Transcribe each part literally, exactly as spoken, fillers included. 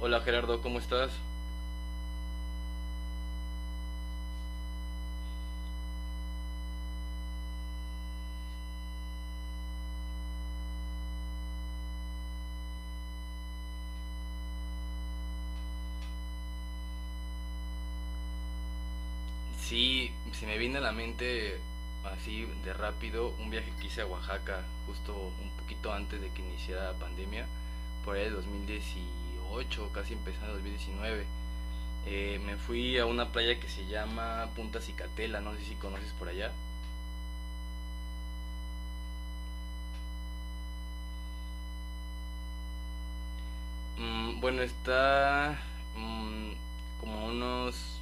Hola Gerardo, ¿cómo estás? Sí, se me viene a la mente así de rápido un viaje que hice a Oaxaca justo un poquito antes de que iniciara la pandemia, por ahí de dos mil dieciocho, casi empezando dos mil diecinueve. Eh, me fui a una playa que se llama Punta Cicatela, no sé si conoces por allá. Mm, bueno, está mm, como a unos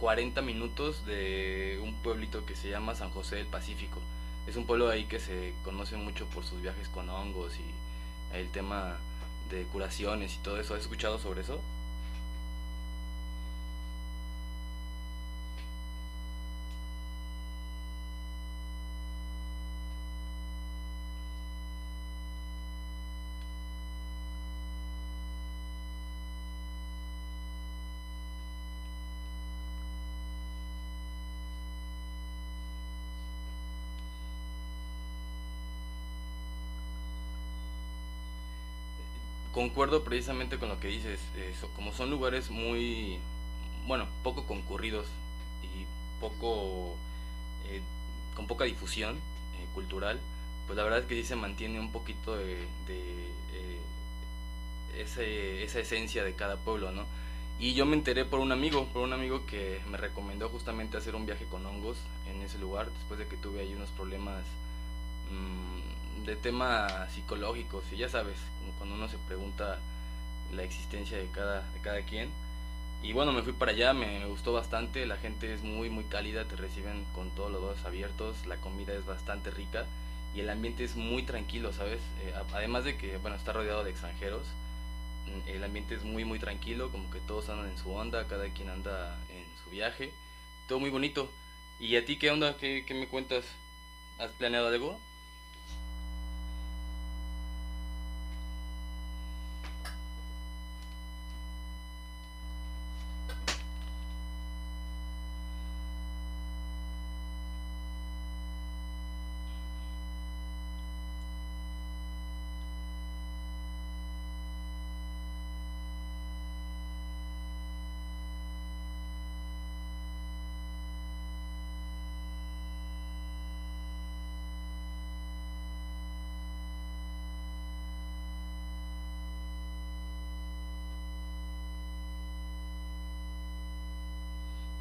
cuarenta minutos de un pueblito que se llama San José del Pacífico. Es un pueblo de ahí que se conoce mucho por sus viajes con hongos y el tema de curaciones y todo eso. ¿Has escuchado sobre eso? Concuerdo precisamente con lo que dices. Eso, como son lugares muy, bueno, poco concurridos y poco, eh, con poca difusión eh, cultural, pues la verdad es que sí se mantiene un poquito de, de eh, ese, esa esencia de cada pueblo, ¿no? Y yo me enteré por un amigo, por un amigo que me recomendó justamente hacer un viaje con hongos en ese lugar, después de que tuve ahí unos problemas mmm, de tema psicológicos, y ya sabes, cuando uno se pregunta la existencia de cada, de cada quien. Y bueno, me fui para allá, me, me gustó bastante, la gente es muy, muy cálida, te reciben con todos los dos abiertos, la comida es bastante rica y el ambiente es muy tranquilo, ¿sabes? Eh, además de que, bueno, está rodeado de extranjeros, mm, el ambiente es muy, muy tranquilo, como que todos andan en su onda, cada quien anda en su viaje, todo muy bonito. ¿Y a ti qué onda? ¿Qué, qué me cuentas? ¿Has planeado algo?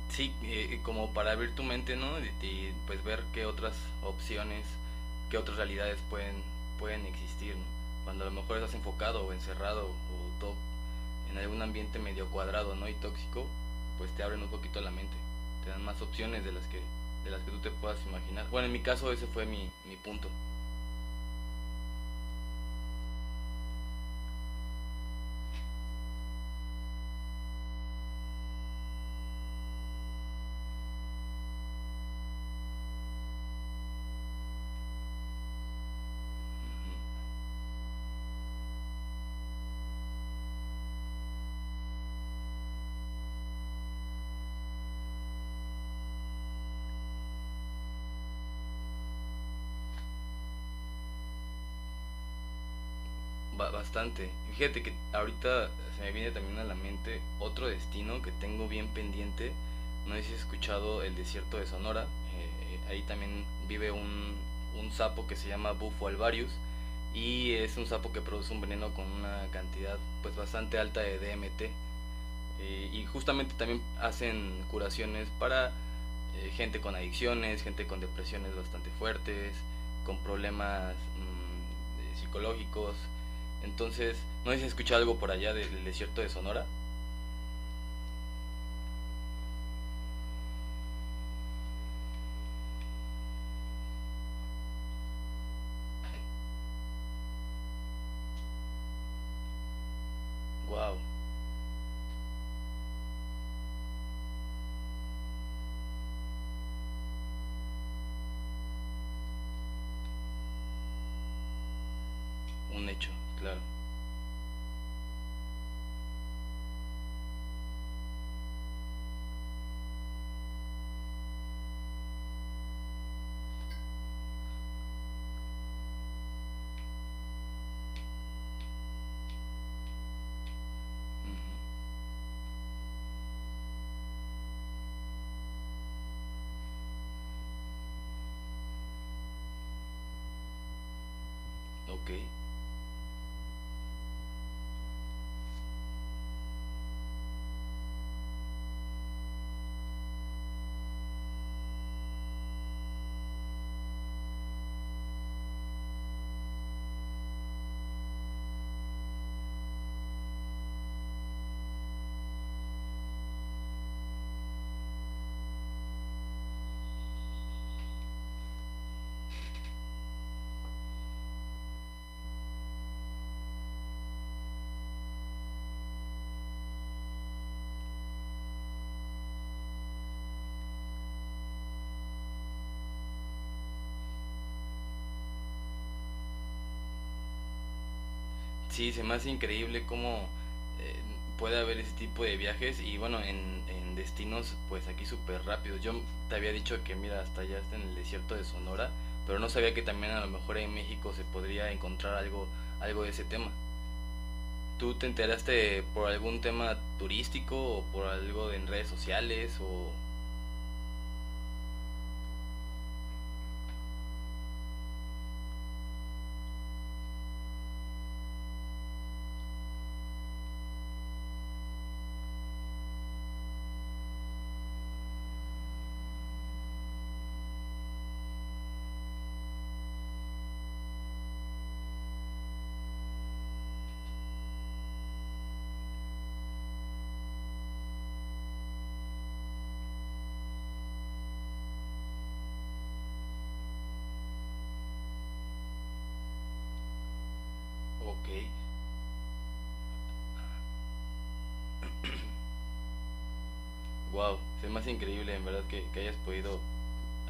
Sí, eh, como para abrir tu mente, ¿no? Y, y, pues ver qué otras opciones, qué otras realidades pueden, pueden existir, ¿no? Cuando a lo mejor estás enfocado o encerrado o todo en algún ambiente medio cuadrado, ¿no? Y tóxico, pues te abren un poquito la mente, te dan más opciones de las que, de las que tú te puedas imaginar. Bueno, en mi caso ese fue mi, mi punto. Bastante. Fíjate que ahorita se me viene también a la mente otro destino que tengo bien pendiente. No sé si has escuchado el desierto de Sonora. Eh, ahí también vive un, un sapo que se llama Bufo alvarius y es un sapo que produce un veneno con una cantidad pues bastante alta de D M T. Eh, y justamente también hacen curaciones para eh, gente con adicciones, gente con depresiones bastante fuertes, con problemas mm, eh, psicológicos. Entonces, no sé si has escuchado algo por allá del desierto de Sonora. Wow, un hecho, claro. Ujú. Ok. Sí, se me hace increíble cómo eh, puede haber ese tipo de viajes y bueno, en, en destinos pues aquí súper rápidos. Yo te había dicho que mira, hasta allá está en el desierto de Sonora, pero no sabía que también a lo mejor en México se podría encontrar algo, algo de ese tema. ¿Tú te enteraste por algún tema turístico o por algo en redes sociales o...? Ok, wow, se más increíble en verdad que, que hayas podido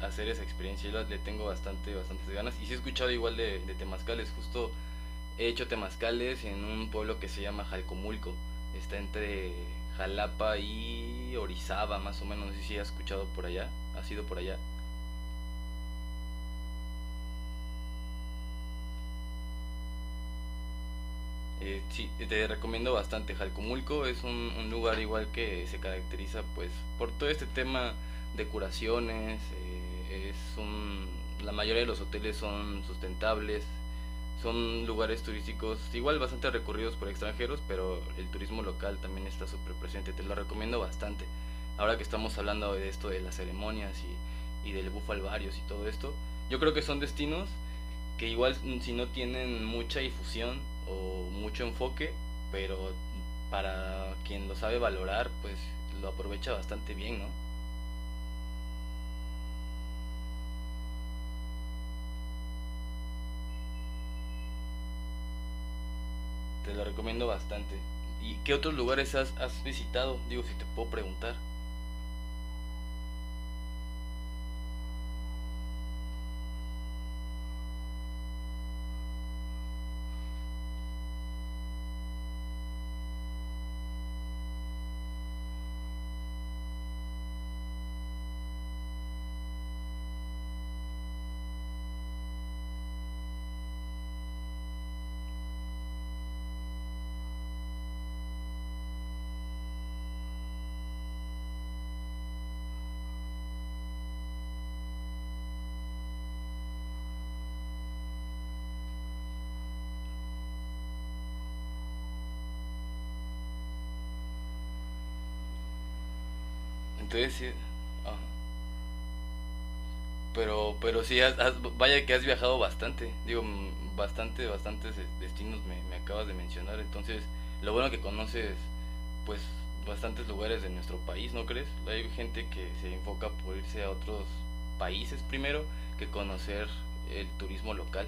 hacer esa experiencia. Yo la- le tengo bastante, bastantes ganas. Y sí he escuchado igual de, de temazcales, justo he hecho temazcales en un pueblo que se llama Jalcomulco. Está entre Jalapa y Orizaba, más o menos. No sé si has escuchado por allá, has ido por allá. Eh, sí, te recomiendo bastante Jalcomulco, es un, un lugar igual que se caracteriza pues por todo este tema de curaciones, eh, es un, la mayoría de los hoteles son sustentables, son lugares turísticos igual bastante recurridos por extranjeros, pero el turismo local también está súper presente, te lo recomiendo bastante. Ahora que estamos hablando de esto, de las ceremonias y, y del bufalvarios y todo esto, yo creo que son destinos que igual si no tienen mucha difusión o mucho enfoque, pero para quien lo sabe valorar, pues lo aprovecha bastante bien, ¿no? Te lo recomiendo bastante. ¿Y qué otros lugares has, has visitado? Digo, si te puedo preguntar. Entonces, sí. Ah. Pero, pero sí, has- has- vaya que has viajado bastante. Digo, mm, bastante, bastantes eh, destinos me, me acabas de mencionar. Entonces, lo bueno que conoces, pues, bastantes lugares de nuestro país, ¿no crees? Hay gente que se enfoca por irse a otros países primero que conocer el turismo local.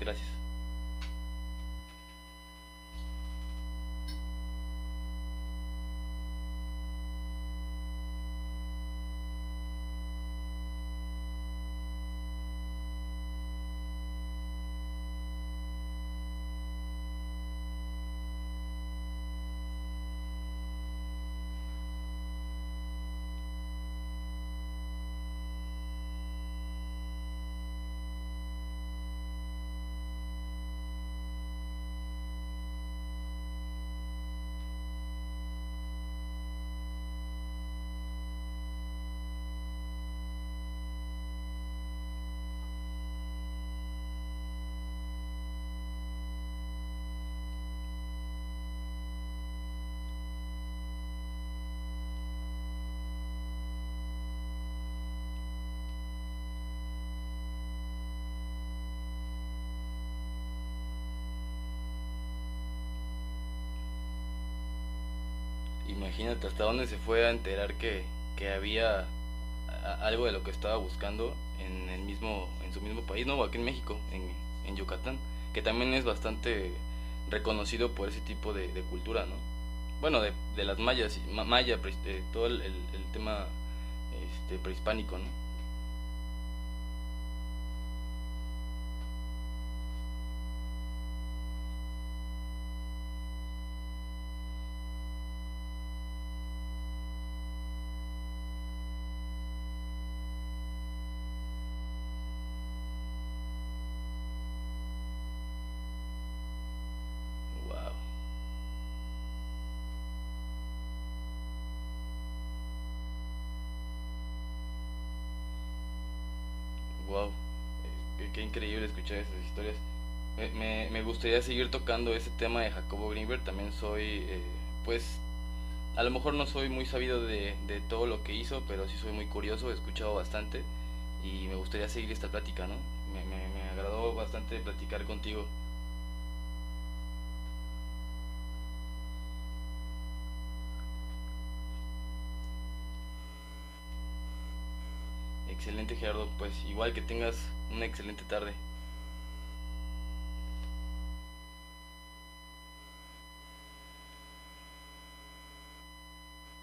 Gracias. Imagínate hasta dónde se fue a enterar que, que había a- algo de lo que estaba buscando en el mismo en su mismo país, no, aquí en México, en, en Yucatán, que también es bastante reconocido por ese tipo de, de cultura, ¿no? Bueno, de, de las mayas, maya, de todo el, el- el tema este, prehispánico, ¿no? Wow, wow, qué, qué increíble escuchar esas historias. Me, me- me gustaría seguir tocando ese tema de Jacobo Grinberg también soy, eh, pues, a lo mejor no soy muy sabido de, de todo lo que hizo, pero sí soy muy curioso, he escuchado bastante y me gustaría seguir esta plática, ¿no? Me, me, me agradó bastante platicar contigo. Excelente Gerardo, pues igual que tengas una excelente tarde.